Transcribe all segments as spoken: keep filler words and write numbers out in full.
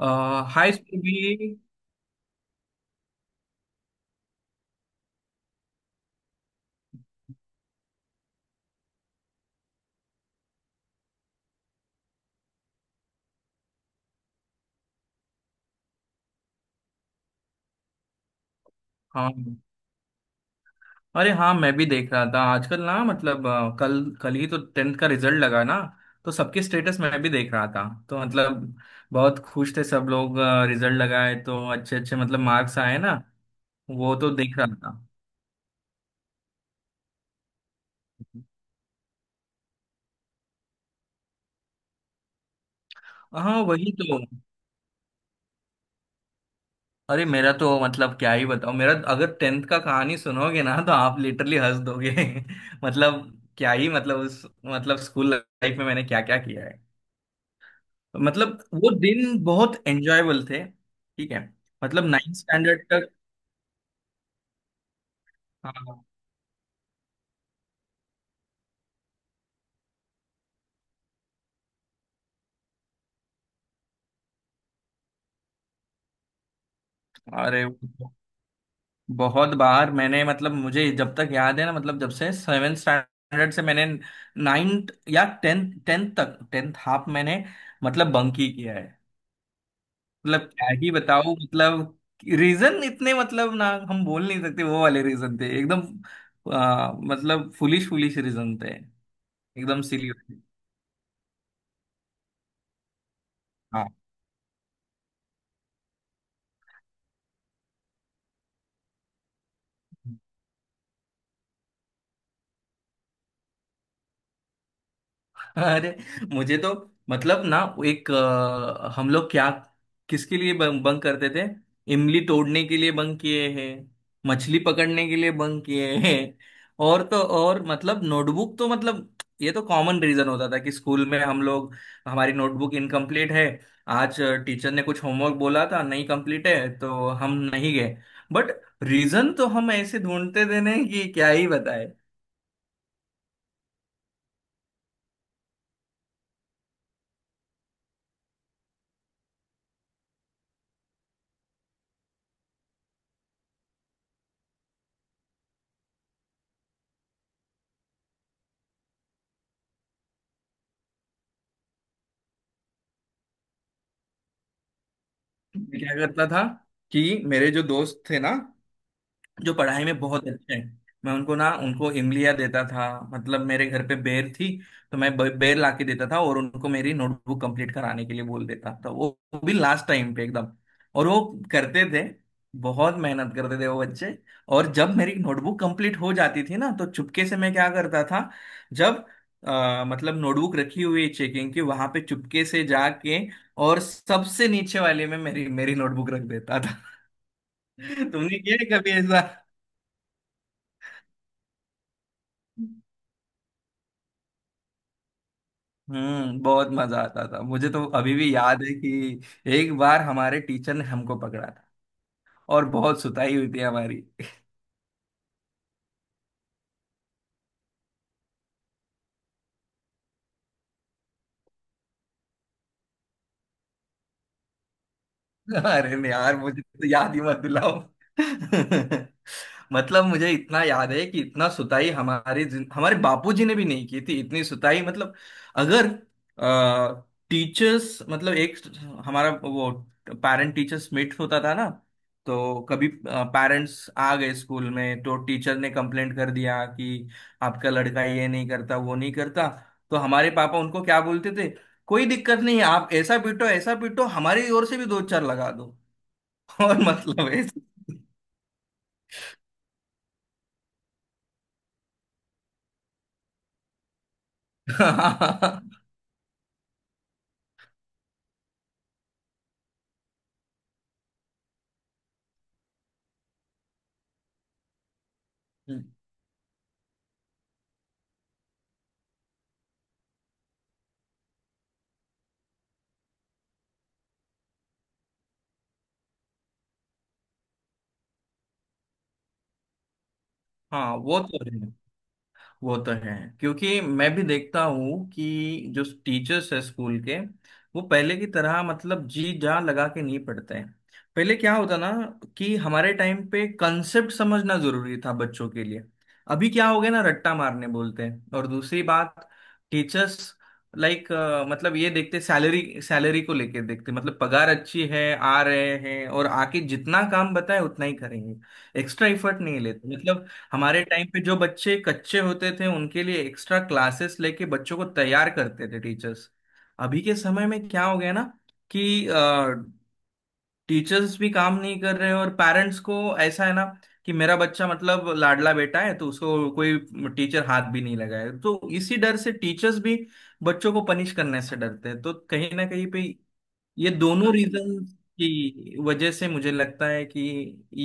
आ, high school भी। हाँ। अरे हाँ, मैं भी देख रहा था आजकल ना मतलब अ, कल कल ही तो टेंथ का रिजल्ट लगा ना। तो सबके स्टेटस मैं भी देख रहा था। तो मतलब बहुत खुश थे सब लोग। रिजल्ट लगाए तो अच्छे अच्छे मतलब मार्क्स आए ना। वो तो देख रहा था। हाँ वही तो। अरे मेरा तो मतलब क्या ही बताऊँ। मेरा अगर टेंथ का कहानी सुनोगे ना तो आप लिटरली हंस दोगे। मतलब, क्या ही मतलब, उस मतलब स्कूल लाइफ में मैंने क्या क्या किया। मतलब वो दिन बहुत एंजॉयबल थे, ठीक है। मतलब नाइन्थ स्टैंडर्ड तक। हाँ। अरे वो बहुत बार मैंने मतलब, मुझे जब तक याद है ना, मतलब जब से सेवेंथ स्टैंडर्ड से मैंने नाइन्थ या टेंथ टेंथ तक, टेंथ हाफ मैंने मतलब बंक ही किया है। मतलब क्या ही बताऊं मतलब। रीजन इतने मतलब ना हम बोल नहीं सकते, वो वाले रीजन थे एकदम। आ, मतलब फुलिश फुलिश रीजन थे एकदम सिली। हाँ। अरे मुझे तो मतलब ना, एक अ, हम लोग क्या, किसके लिए बंक बंक करते थे। इमली तोड़ने के लिए बंक किए हैं। मछली पकड़ने के लिए बंक किए हैं। और तो और मतलब नोटबुक तो मतलब, ये तो कॉमन रीजन होता था कि स्कूल में हम लोग, हमारी नोटबुक इनकम्प्लीट है। आज टीचर ने कुछ होमवर्क बोला था, नहीं कंप्लीट है तो हम नहीं गए। बट रीजन तो हम ऐसे ढूंढते थे ना कि क्या ही बताए। मैं क्या करता था कि मेरे जो दोस्त थे ना, जो पढ़ाई में बहुत अच्छे हैं, मैं उनको ना, उनको इमलिया देता था, मतलब मेरे घर पे बेर थी। तो मैं ब- बेर ला के देता था और उनको मेरी नोटबुक कंप्लीट कराने के लिए बोल देता था। वो वो भी लास्ट टाइम पे एकदम। और वो करते थे, बहुत मेहनत करते थे वो बच्चे। और जब मेरी नोटबुक कंप्लीट हो जाती थी ना, तो चुपके से मैं क्या करता था। जब अ, मतलब नोटबुक रखी हुई है चेकिंग की, वहां पे चुपके से जाके, और सबसे नीचे वाले में मेरी मेरी नोटबुक रख देता था। तुमने किया है कभी ऐसा? हम्म, बहुत मजा आता था। मुझे तो अभी भी याद है कि एक बार हमारे टीचर ने हमको पकड़ा था और बहुत सुताई हुई थी हमारी। अरे नहीं यार, मुझे तो याद ही मत दिलाओ। मतलब मुझे इतना याद है कि इतना सुताई हमारे जिन- हमारे बापूजी ने भी नहीं की थी इतनी सुताई मतलब। अगर टीचर्स मतलब, एक हमारा वो पेरेंट टीचर्स मीट होता था ना। तो कभी पेरेंट्स आ गए स्कूल में तो टीचर ने कंप्लेंट कर दिया कि आपका लड़का ये नहीं करता, वो नहीं करता। तो हमारे पापा उनको क्या बोलते थे, कोई दिक्कत नहीं है, आप ऐसा पीटो ऐसा पीटो, हमारी ओर से भी दो चार लगा दो। और मतलब ऐसा। हाँ। हाँ, वो तो है। वो तो है। क्योंकि मैं भी देखता हूँ कि जो टीचर्स है स्कूल के, वो पहले की तरह मतलब जी जान लगा के नहीं पढ़ते हैं। पहले क्या होता ना, कि हमारे टाइम पे कंसेप्ट समझना जरूरी था बच्चों के लिए। अभी क्या हो गया ना, रट्टा मारने बोलते हैं। और दूसरी बात, टीचर्स लाइक, मतलब ये देखते सैलरी सैलरी को लेके देखते, मतलब पगार अच्छी है, आ रहे हैं, और आके जितना काम बताए उतना ही करेंगे। एक्स्ट्रा एफर्ट नहीं लेते मतलब। हमारे टाइम पे जो बच्चे कच्चे होते थे, उनके लिए एक्स्ट्रा क्लासेस लेके बच्चों को तैयार करते थे टीचर्स। अभी के समय में क्या हो गया ना कि टीचर्स भी काम नहीं कर रहे, और पेरेंट्स को ऐसा है ना कि मेरा बच्चा मतलब लाडला बेटा है, तो उसको कोई टीचर हाथ भी नहीं लगाए। तो इसी डर से टीचर्स भी बच्चों को पनिश करने से डरते हैं। तो कहीं ना कहीं पे ये दोनों रीजन की वजह से मुझे लगता है कि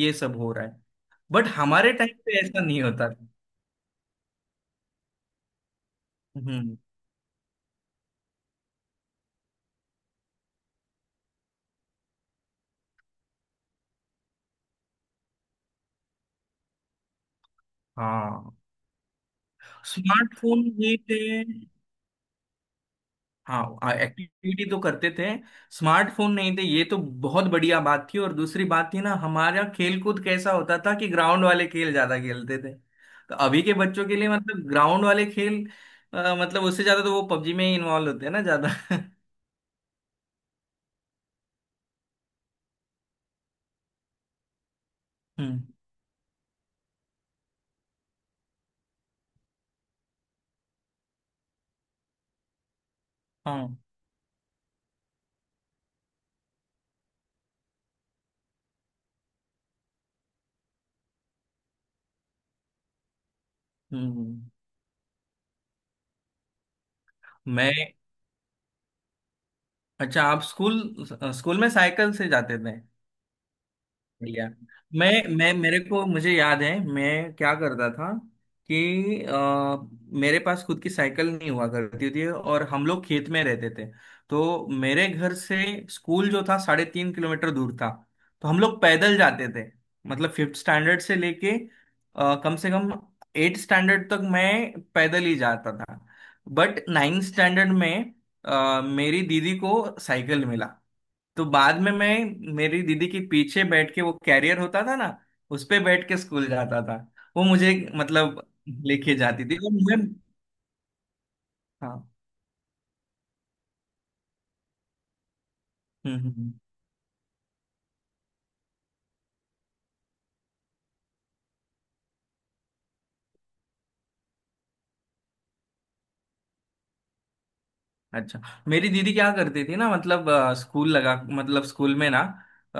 ये सब हो रहा है। बट हमारे टाइम पे ऐसा नहीं होता। हम्म। हाँ, स्मार्टफोन नहीं थे। हाँ एक्टिविटी तो करते थे। स्मार्टफोन नहीं थे, ये तो बहुत बढ़िया बात थी। और दूसरी बात थी ना, हमारा खेल कूद कैसा होता था कि ग्राउंड वाले खेल ज्यादा खेलते थे। तो अभी के बच्चों के लिए मतलब ग्राउंड वाले खेल, अ, मतलब उससे ज्यादा तो वो पबजी में ही इन्वॉल्व होते हैं ना ज्यादा। हम्म। हाँ। हम्म। मैं, अच्छा आप स्कूल, स्कूल में साइकिल से जाते थे? बढ़िया। मैं मैं मेरे को मुझे याद है, मैं क्या करता था कि, अ, मेरे पास खुद की साइकिल नहीं हुआ करती थी, और हम लोग खेत में रहते थे। तो मेरे घर से स्कूल जो था, साढ़े तीन किलोमीटर दूर था। तो हम लोग पैदल जाते थे। मतलब फिफ्थ स्टैंडर्ड से लेके अ, कम से कम एट स्टैंडर्ड तक मैं पैदल ही जाता था। बट नाइन्थ स्टैंडर्ड में अ, मेरी दीदी को साइकिल मिला। तो बाद में मैं मेरी दीदी के पीछे बैठ के, वो कैरियर होता था ना, उस पे बैठ के स्कूल जाता था। वो मुझे मतलब लेके जाती थी और मैं, हाँ, हम्म हम्म हम्म। अच्छा, मेरी दीदी क्या करती थी ना मतलब अ, स्कूल लगा मतलब स्कूल में ना, अ,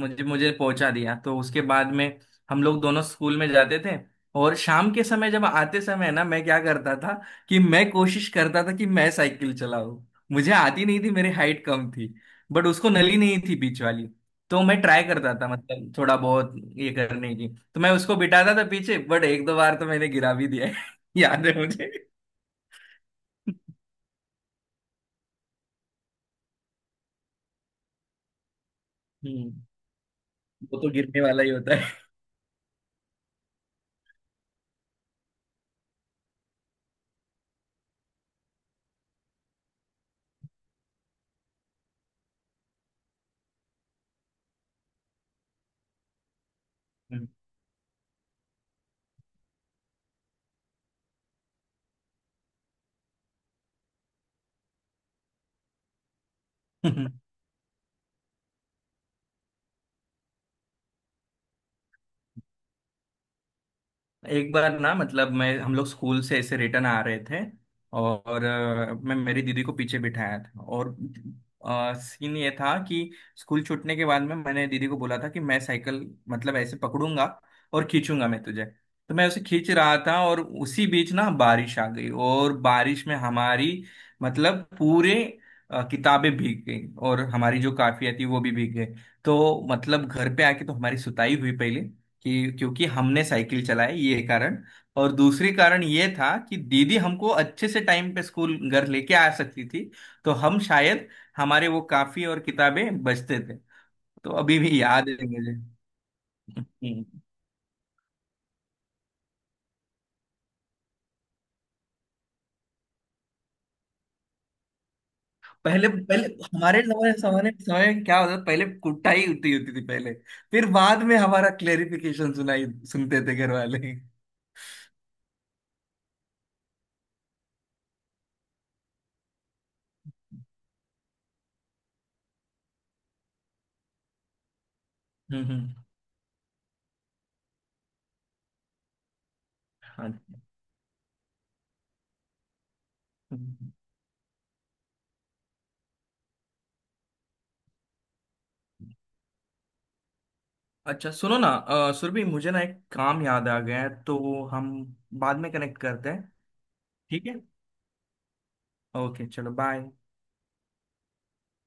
मुझे मुझे पहुंचा दिया, तो उसके बाद में हम लोग दोनों स्कूल में जाते थे। और शाम के समय, जब आते समय ना, मैं क्या करता था कि मैं कोशिश करता था कि मैं साइकिल चलाऊं, मुझे आती नहीं थी, मेरी हाइट कम थी, बट उसको नली नहीं थी बीच वाली। तो मैं ट्राई करता था मतलब, थोड़ा बहुत ये करने की। तो मैं उसको बिठाता था पीछे, बट एक दो बार तो मैंने गिरा भी दिया है। याद है मुझे। हम्म, वो तो गिरने वाला ही होता है। एक बार ना मतलब, मैं हम लोग स्कूल से ऐसे रिटर्न आ रहे थे और अ, मैं मेरी दीदी को पीछे बिठाया था, और सीन ये था कि स्कूल छूटने के बाद में मैंने दीदी को बोला था कि मैं साइकिल मतलब ऐसे पकड़ूंगा और खींचूंगा मैं तुझे। तो मैं उसे खींच रहा था और उसी बीच ना बारिश आ गई, और बारिश में हमारी मतलब पूरे, अ, किताबें भीग गई और हमारी जो काफिया थी वो भी भीग गई। तो मतलब घर पे आके तो हमारी सुताई हुई पहले, कि क्योंकि हमने साइकिल चलाई, ये कारण, और दूसरी कारण ये था कि दीदी हमको अच्छे से टाइम पे स्कूल घर लेके आ सकती थी, तो हम शायद, हमारे वो काफी और किताबें बचते थे। तो अभी भी याद है मुझे। हम्म। पहले पहले हमारे समय समय समय में क्या होता था, पहले कुटाई होती होती थी पहले, फिर बाद में हमारा क्लेरिफिकेशन सुनाई सुनते थे घर वाले। हम्म हम्म, हाँ। अच्छा, सुनो ना अ, सुरभि, मुझे ना एक काम याद आ गया है, तो हम बाद में कनेक्ट करते हैं। ठीक है। ओके, चलो बाय।